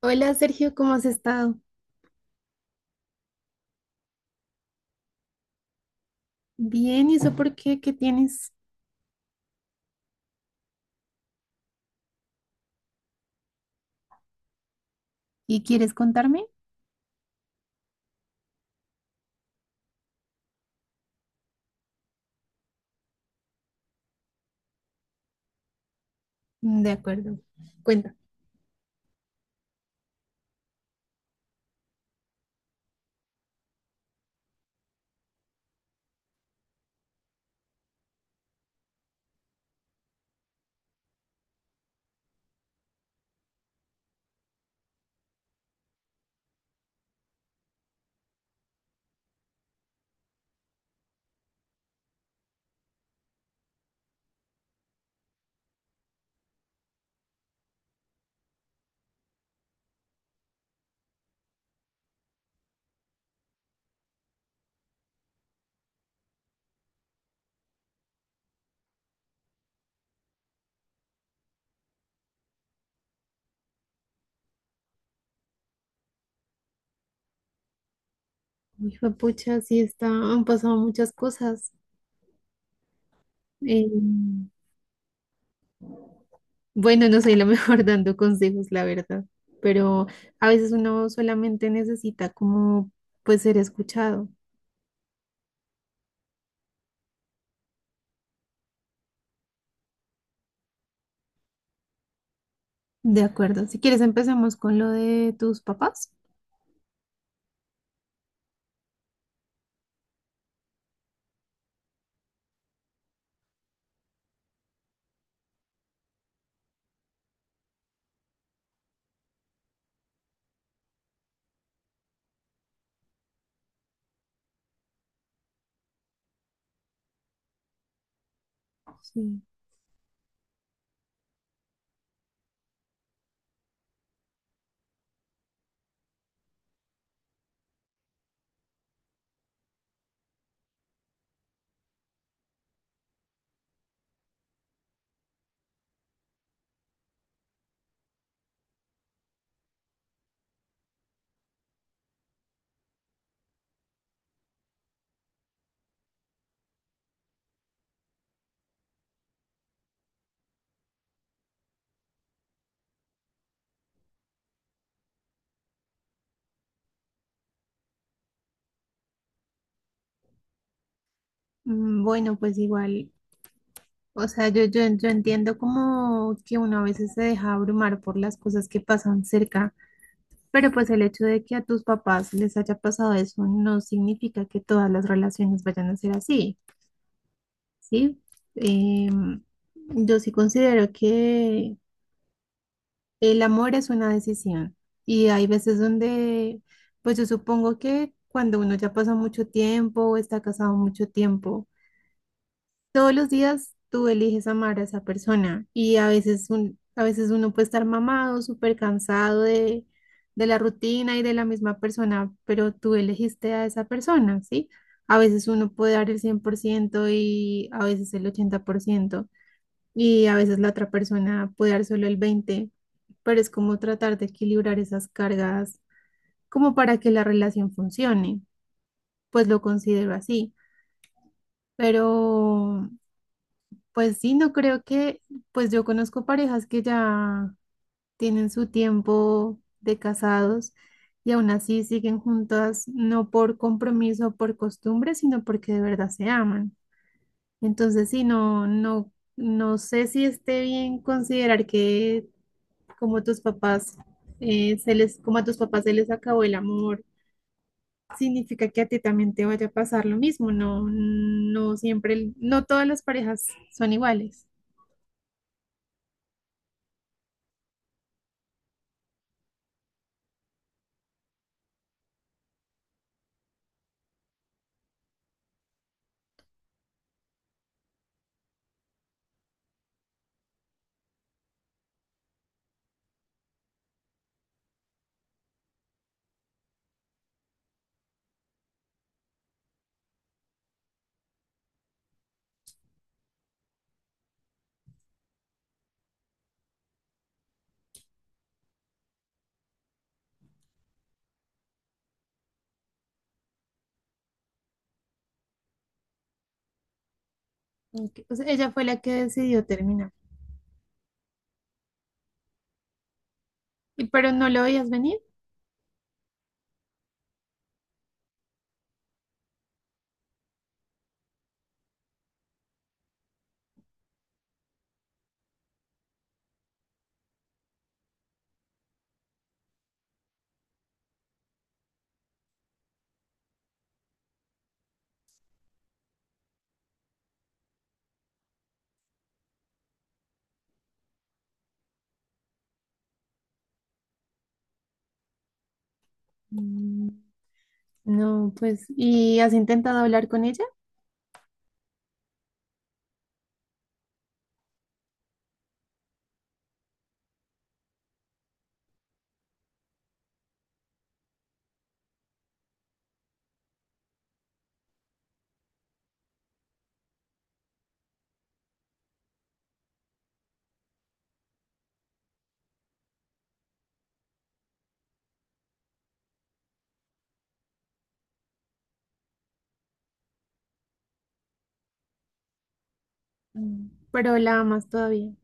Hola Sergio, ¿cómo has estado? Bien, ¿y eso por qué? ¿Qué tienes? ¿Y quieres contarme? De acuerdo, cuenta. Uy, pucha, sí está, han pasado muchas cosas. Eh, bueno, no soy la mejor dando consejos, la verdad, pero a veces uno solamente necesita como pues ser escuchado. De acuerdo. Si quieres, empecemos con lo de tus papás. Sí. Bueno, pues igual, o sea, yo entiendo como que uno a veces se deja abrumar por las cosas que pasan cerca. Pero pues el hecho de que a tus papás les haya pasado eso no significa que todas las relaciones vayan a ser así, ¿sí? Em, yo sí considero que el amor es una decisión y hay veces donde, pues yo supongo que cuando uno ya pasa mucho tiempo o está casado mucho tiempo, todos los días tú eliges amar a esa persona y a veces, a veces uno puede estar mamado, súper cansado de la rutina y de la misma persona, pero tú elegiste a esa persona, ¿sí? A veces uno puede dar el 100% y a veces el 80% y a veces la otra persona puede dar solo el 20%, pero es como tratar de equilibrar esas cargas como para que la relación funcione, pues lo considero así, pero... Pues sí, no creo que, pues yo conozco parejas que ya tienen su tiempo de casados y aún así siguen juntas, no por compromiso o por costumbre, sino porque de verdad se aman. Entonces sí, no, no, no sé si esté bien considerar que como tus papás, se les, como a tus papás se les acabó el amor, significa que a ti también te vaya a pasar lo mismo. No, no siempre, no todas las parejas son iguales. Ok, o sea, ella fue la que decidió terminar. ¿Y pero no lo veías venir? Mm, No, pues, ¿y has intentado hablar con ella? Pero la amas todavía.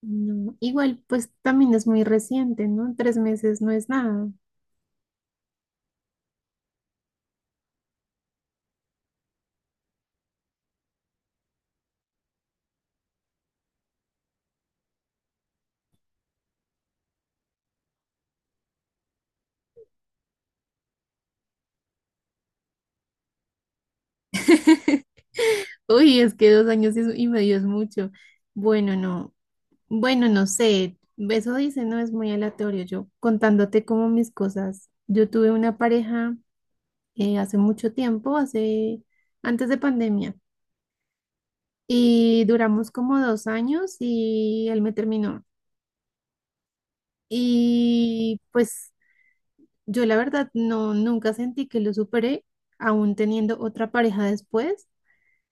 No, igual, pues también es muy reciente, ¿no? 3 meses no es nada. Uy, es que 2 años y medio es mucho. Bueno, no, bueno, no sé, eso dice, no es muy aleatorio. Yo contándote como mis cosas, yo tuve una pareja hace mucho tiempo, hace antes de pandemia. Y duramos como 2 años y él me terminó. Y pues yo la verdad no, nunca sentí que lo superé, aún teniendo otra pareja después.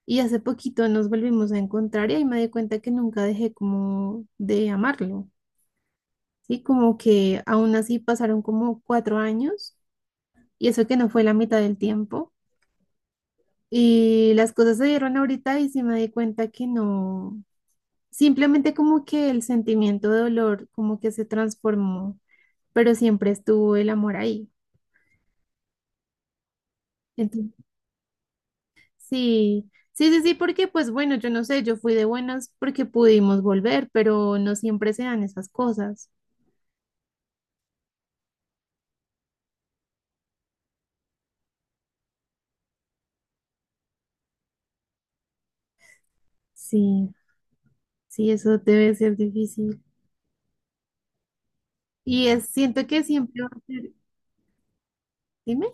Y hace poquito nos volvimos a encontrar y ahí me di cuenta que nunca dejé como de amarlo, ¿sí? Como que aún así pasaron como 4 años y eso que no fue la mitad del tiempo. Y las cosas se dieron ahorita y sí me di cuenta que no. Simplemente como que el sentimiento de dolor como que se transformó, pero siempre estuvo el amor ahí. Entonces, sí, sí, sí, sí, porque pues bueno, yo no sé, yo fui de buenas porque pudimos volver, pero no siempre se dan esas cosas. Sí, sí, eso debe ser difícil. Y es, siento que siempre va a ser, dime.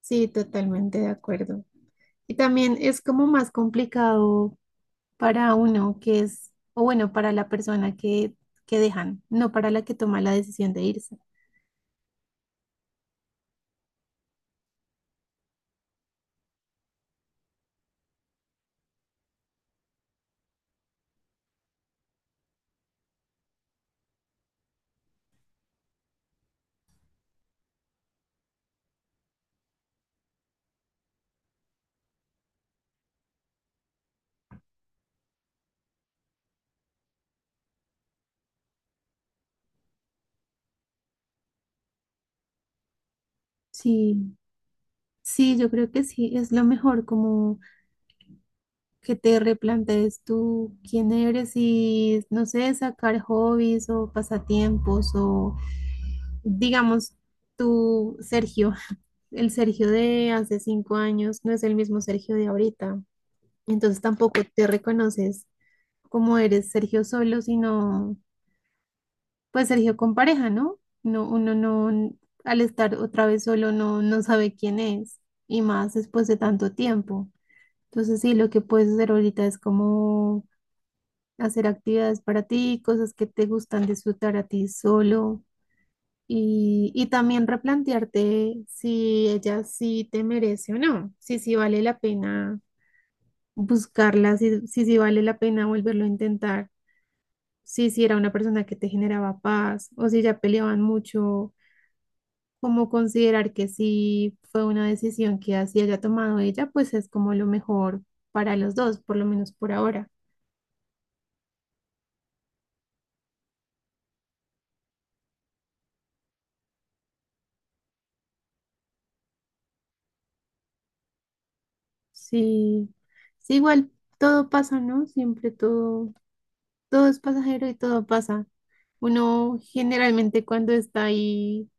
Sí, totalmente de acuerdo. Y también es como más complicado para uno que es, o bueno, para la persona que, dejan, no para la que toma la decisión de irse. Sí, sí, yo creo que sí, es lo mejor, como que te replantees tú quién eres y, no sé, sacar hobbies o pasatiempos o, digamos, tú, Sergio. El Sergio de hace 5 años no es el mismo Sergio de ahorita. Entonces tampoco te reconoces como eres Sergio solo, sino pues Sergio con pareja, ¿no? No, uno no, al estar otra vez solo no, no sabe quién es. Y más después de tanto tiempo. Entonces sí, lo que puedes hacer ahorita es como hacer actividades para ti, cosas que te gustan disfrutar a ti solo. Y también replantearte si ella sí te merece o no, si sí vale la pena buscarla, si sí vale la pena volverlo a intentar, si sí era una persona que te generaba paz o si ya peleaban mucho, como considerar que si fue una decisión que así haya tomado ella, pues es como lo mejor para los dos, por lo menos por ahora. Sí, sí, igual todo pasa, ¿no? Siempre todo. Todo es pasajero y todo pasa. Uno generalmente cuando está ahí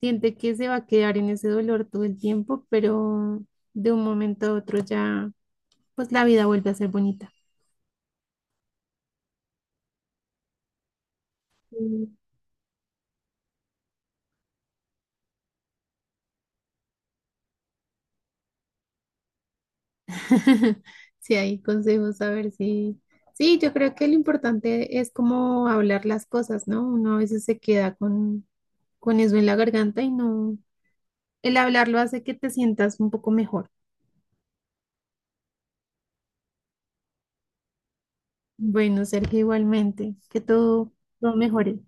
siente que se va a quedar en ese dolor todo el tiempo, pero de un momento a otro ya, pues la vida vuelve a ser bonita. Sí, Sí, hay consejos, a ver si... Sí, yo creo que lo importante es como hablar las cosas, ¿no? Uno a veces se queda con, eso en la garganta y no... El hablarlo hace que te sientas un poco mejor. Bueno, Sergio, igualmente, que todo, todo mejore.